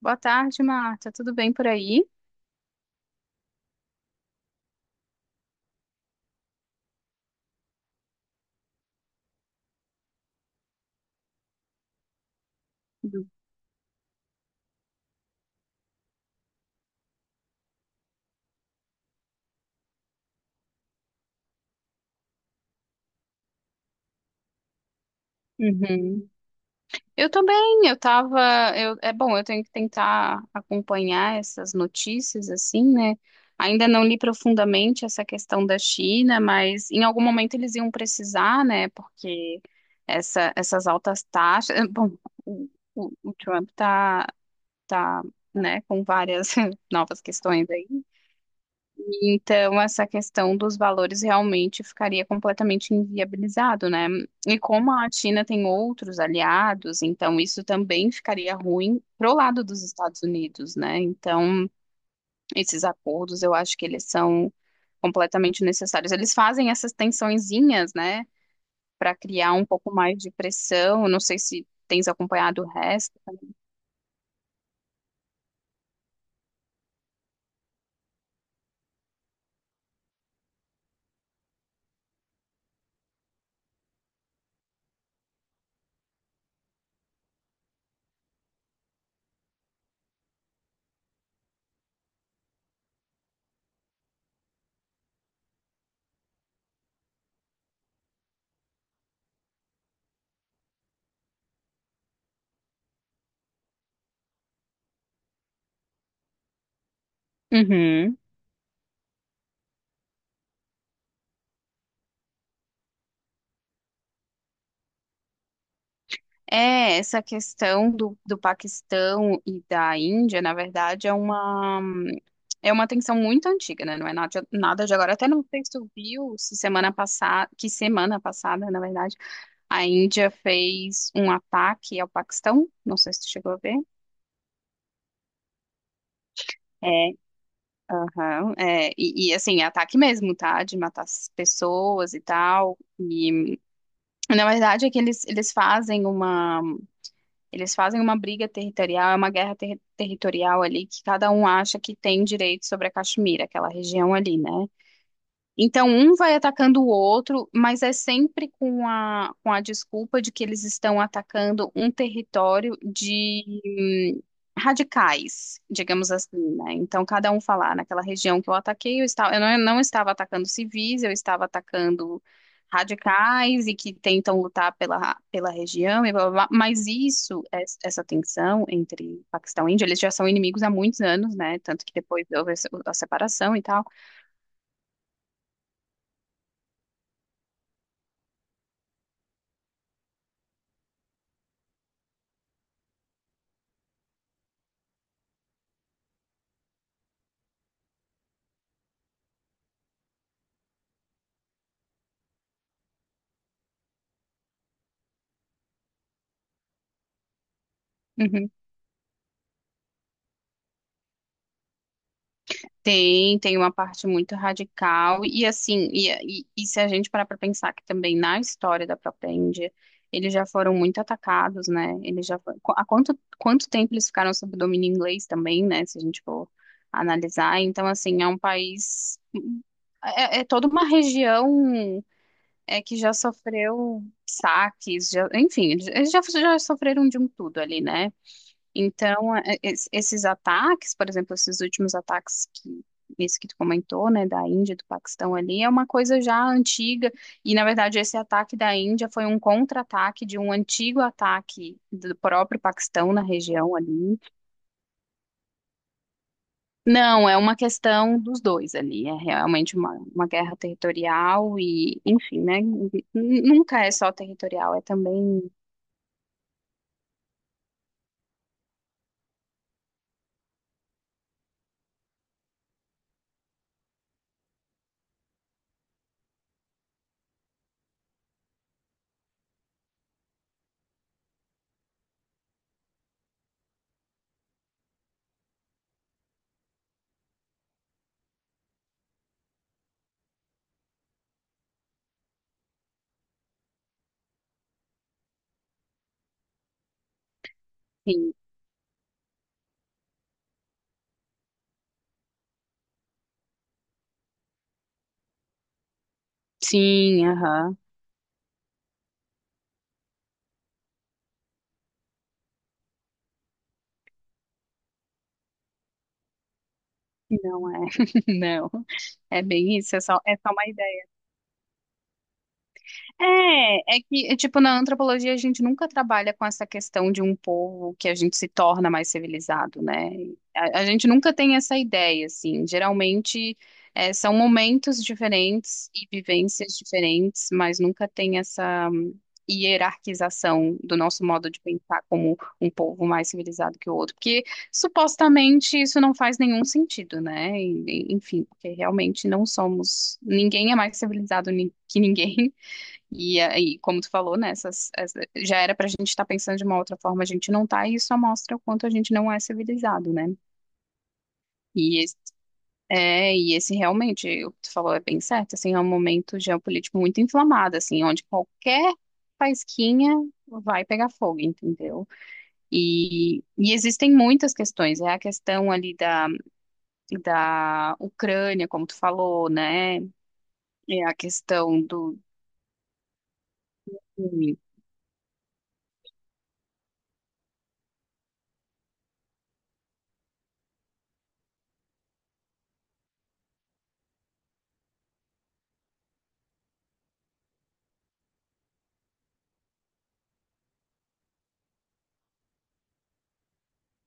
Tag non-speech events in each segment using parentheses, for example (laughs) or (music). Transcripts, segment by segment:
Boa tarde, Marta. Tudo bem por aí? Tudo. Uhum. Eu tô bem. Eu tava. É bom, eu tenho que tentar acompanhar essas notícias, assim, né? Ainda não li profundamente essa questão da China, mas em algum momento eles iam precisar, né? Porque essas altas taxas. (laughs) Bom, o, o Trump tá, né, com várias (laughs) novas questões aí. Então, essa questão dos valores realmente ficaria completamente inviabilizado, né? E como a China tem outros aliados, então isso também ficaria ruim pro lado dos Estados Unidos, né? Então, esses acordos, eu acho que eles são completamente necessários. Eles fazem essas tensõezinhas, né, para criar um pouco mais de pressão. Não sei se tens acompanhado o resto. Uhum. É, essa questão do Paquistão e da Índia, na verdade, é uma tensão muito antiga, né? Não é nada, nada de agora. Até não sei se tu viu se semana passada, que semana passada, na verdade, a Índia fez um ataque ao Paquistão. Não sei se tu chegou a ver. É, aham, é ataque mesmo, tá? De matar as pessoas e tal. E na verdade é que eles fazem uma briga territorial, é uma guerra territorial ali que cada um acha que tem direito sobre a Caxemira, aquela região ali, né? Então, um vai atacando o outro, mas é sempre com a desculpa de que eles estão atacando um território de radicais, digamos assim, né? Então, cada um falar naquela região que eu ataquei, eu não estava atacando civis, eu estava atacando radicais e que tentam lutar pela região, e blá, blá, blá. Essa tensão entre Paquistão e Índia, eles já são inimigos há muitos anos, né? Tanto que depois houve a se- a separação e tal. Uhum. Tem uma parte muito radical, e assim, e se a gente parar para pensar que também na história da própria Índia, eles já foram muito atacados, né? Eles já fo- qu- há quanto tempo eles ficaram sob domínio inglês também, né? Se a gente for analisar. Então, assim, é um país, é toda uma região que já sofreu saques, já, enfim, eles já sofreram de um tudo ali, né? Então, esses ataques, por exemplo, esses últimos ataques que esse que tu comentou, né, da Índia, do Paquistão ali, é uma coisa já antiga, e na verdade esse ataque da Índia foi um contra-ataque de um antigo ataque do próprio Paquistão na região ali. Não, é uma questão dos dois ali, é realmente uma guerra territorial e, enfim, né, nunca é só territorial, é também, enfim, sim, aham. Não é, (laughs) não. É bem isso, é só, mais é que, tipo, na antropologia a gente nunca trabalha com essa questão de um povo que a gente se torna mais civilizado, né? A gente nunca tem essa ideia, assim. Geralmente são momentos diferentes e vivências diferentes, mas nunca tem essa hierarquização do nosso modo de pensar como um povo mais civilizado que o outro, porque supostamente isso não faz nenhum sentido, né? Enfim, porque realmente não somos, ninguém é mais civilizado que ninguém. E aí, como tu falou, né, já era pra gente estar pensando de uma outra forma, a gente não tá, e isso só mostra o quanto a gente não é civilizado, né? E esse, e esse realmente, o que tu falou é bem certo, assim, é um momento geopolítico muito inflamado, assim, onde qualquer faisquinha vai pegar fogo, entendeu? E existem muitas questões, é a questão ali da Ucrânia, como tu falou, né? É a questão do.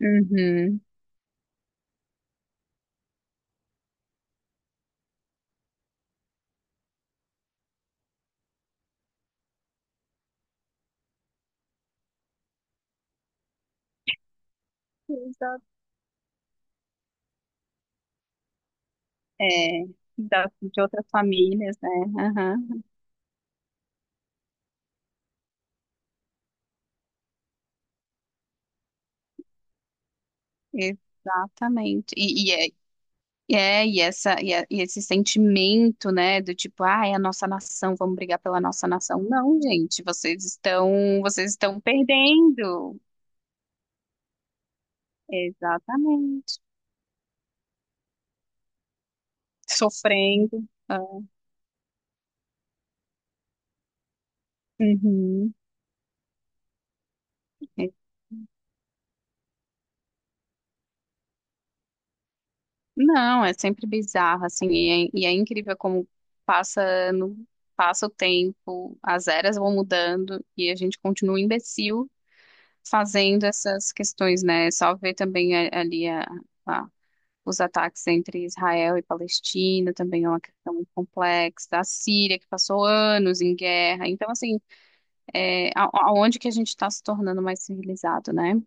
Uhum. É, de outras famílias, né? Aham, exatamente. E esse sentimento, né, do tipo, ah, é a nossa nação, vamos brigar pela nossa nação. Não, gente, vocês estão perdendo. Exatamente. Sofrendo. Ah, uhum. É. Não, é sempre bizarro, assim, e é incrível como passa ano, passa o tempo, as eras vão mudando e a gente continua um imbecil fazendo essas questões, né? É só ver também a- os ataques entre Israel e Palestina, também é uma questão muito complexa. A Síria, que passou anos em guerra. Então, assim, aonde que a gente está se tornando mais civilizado, né?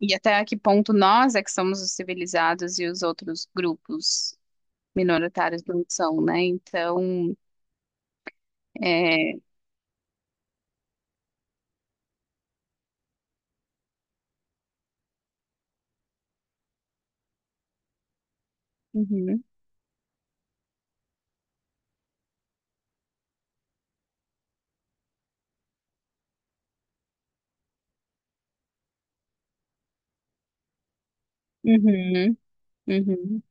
E até a que ponto nós é que somos os civilizados e os outros grupos minoritários não são, né? Então, é... Uhum, uhum, uhum.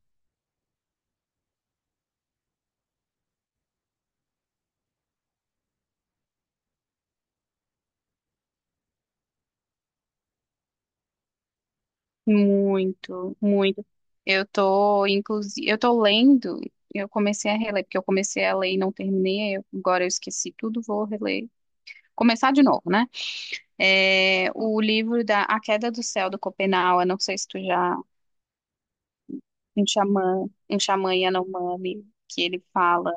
Muito, muito. Inclusive, eu tô lendo, eu comecei a reler, porque eu comecei a ler e não terminei, agora eu esqueci tudo, vou reler. Começar de novo, né? É, o livro da A Queda do Céu, do Copenau, eu não sei se tu já, um xamã Yanomami, que ele fala,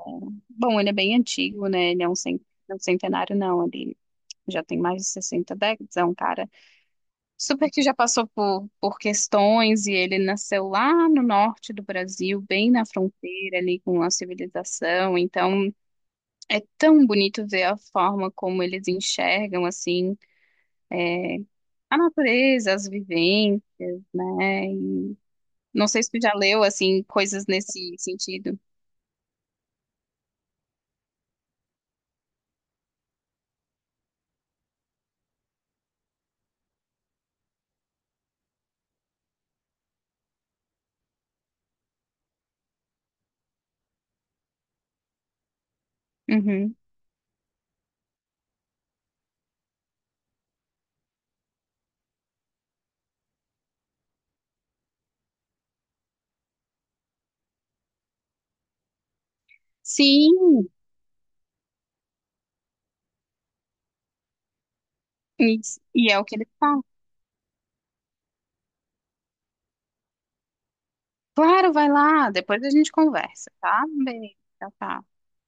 bom, ele é bem antigo, né? Ele é um, cen- é um centenário, não, ele já tem mais de 60 décadas, é um cara super que já passou por questões e ele nasceu lá no norte do Brasil, bem na fronteira ali com a civilização. Então é tão bonito ver a forma como eles enxergam assim é, a natureza, as vivências, né? E não sei se tu já leu assim coisas nesse sentido. Uhum. Sim, e, e é o que ele fala. Claro, vai lá, depois a gente conversa, tá? Um beijo, tchau, tchau.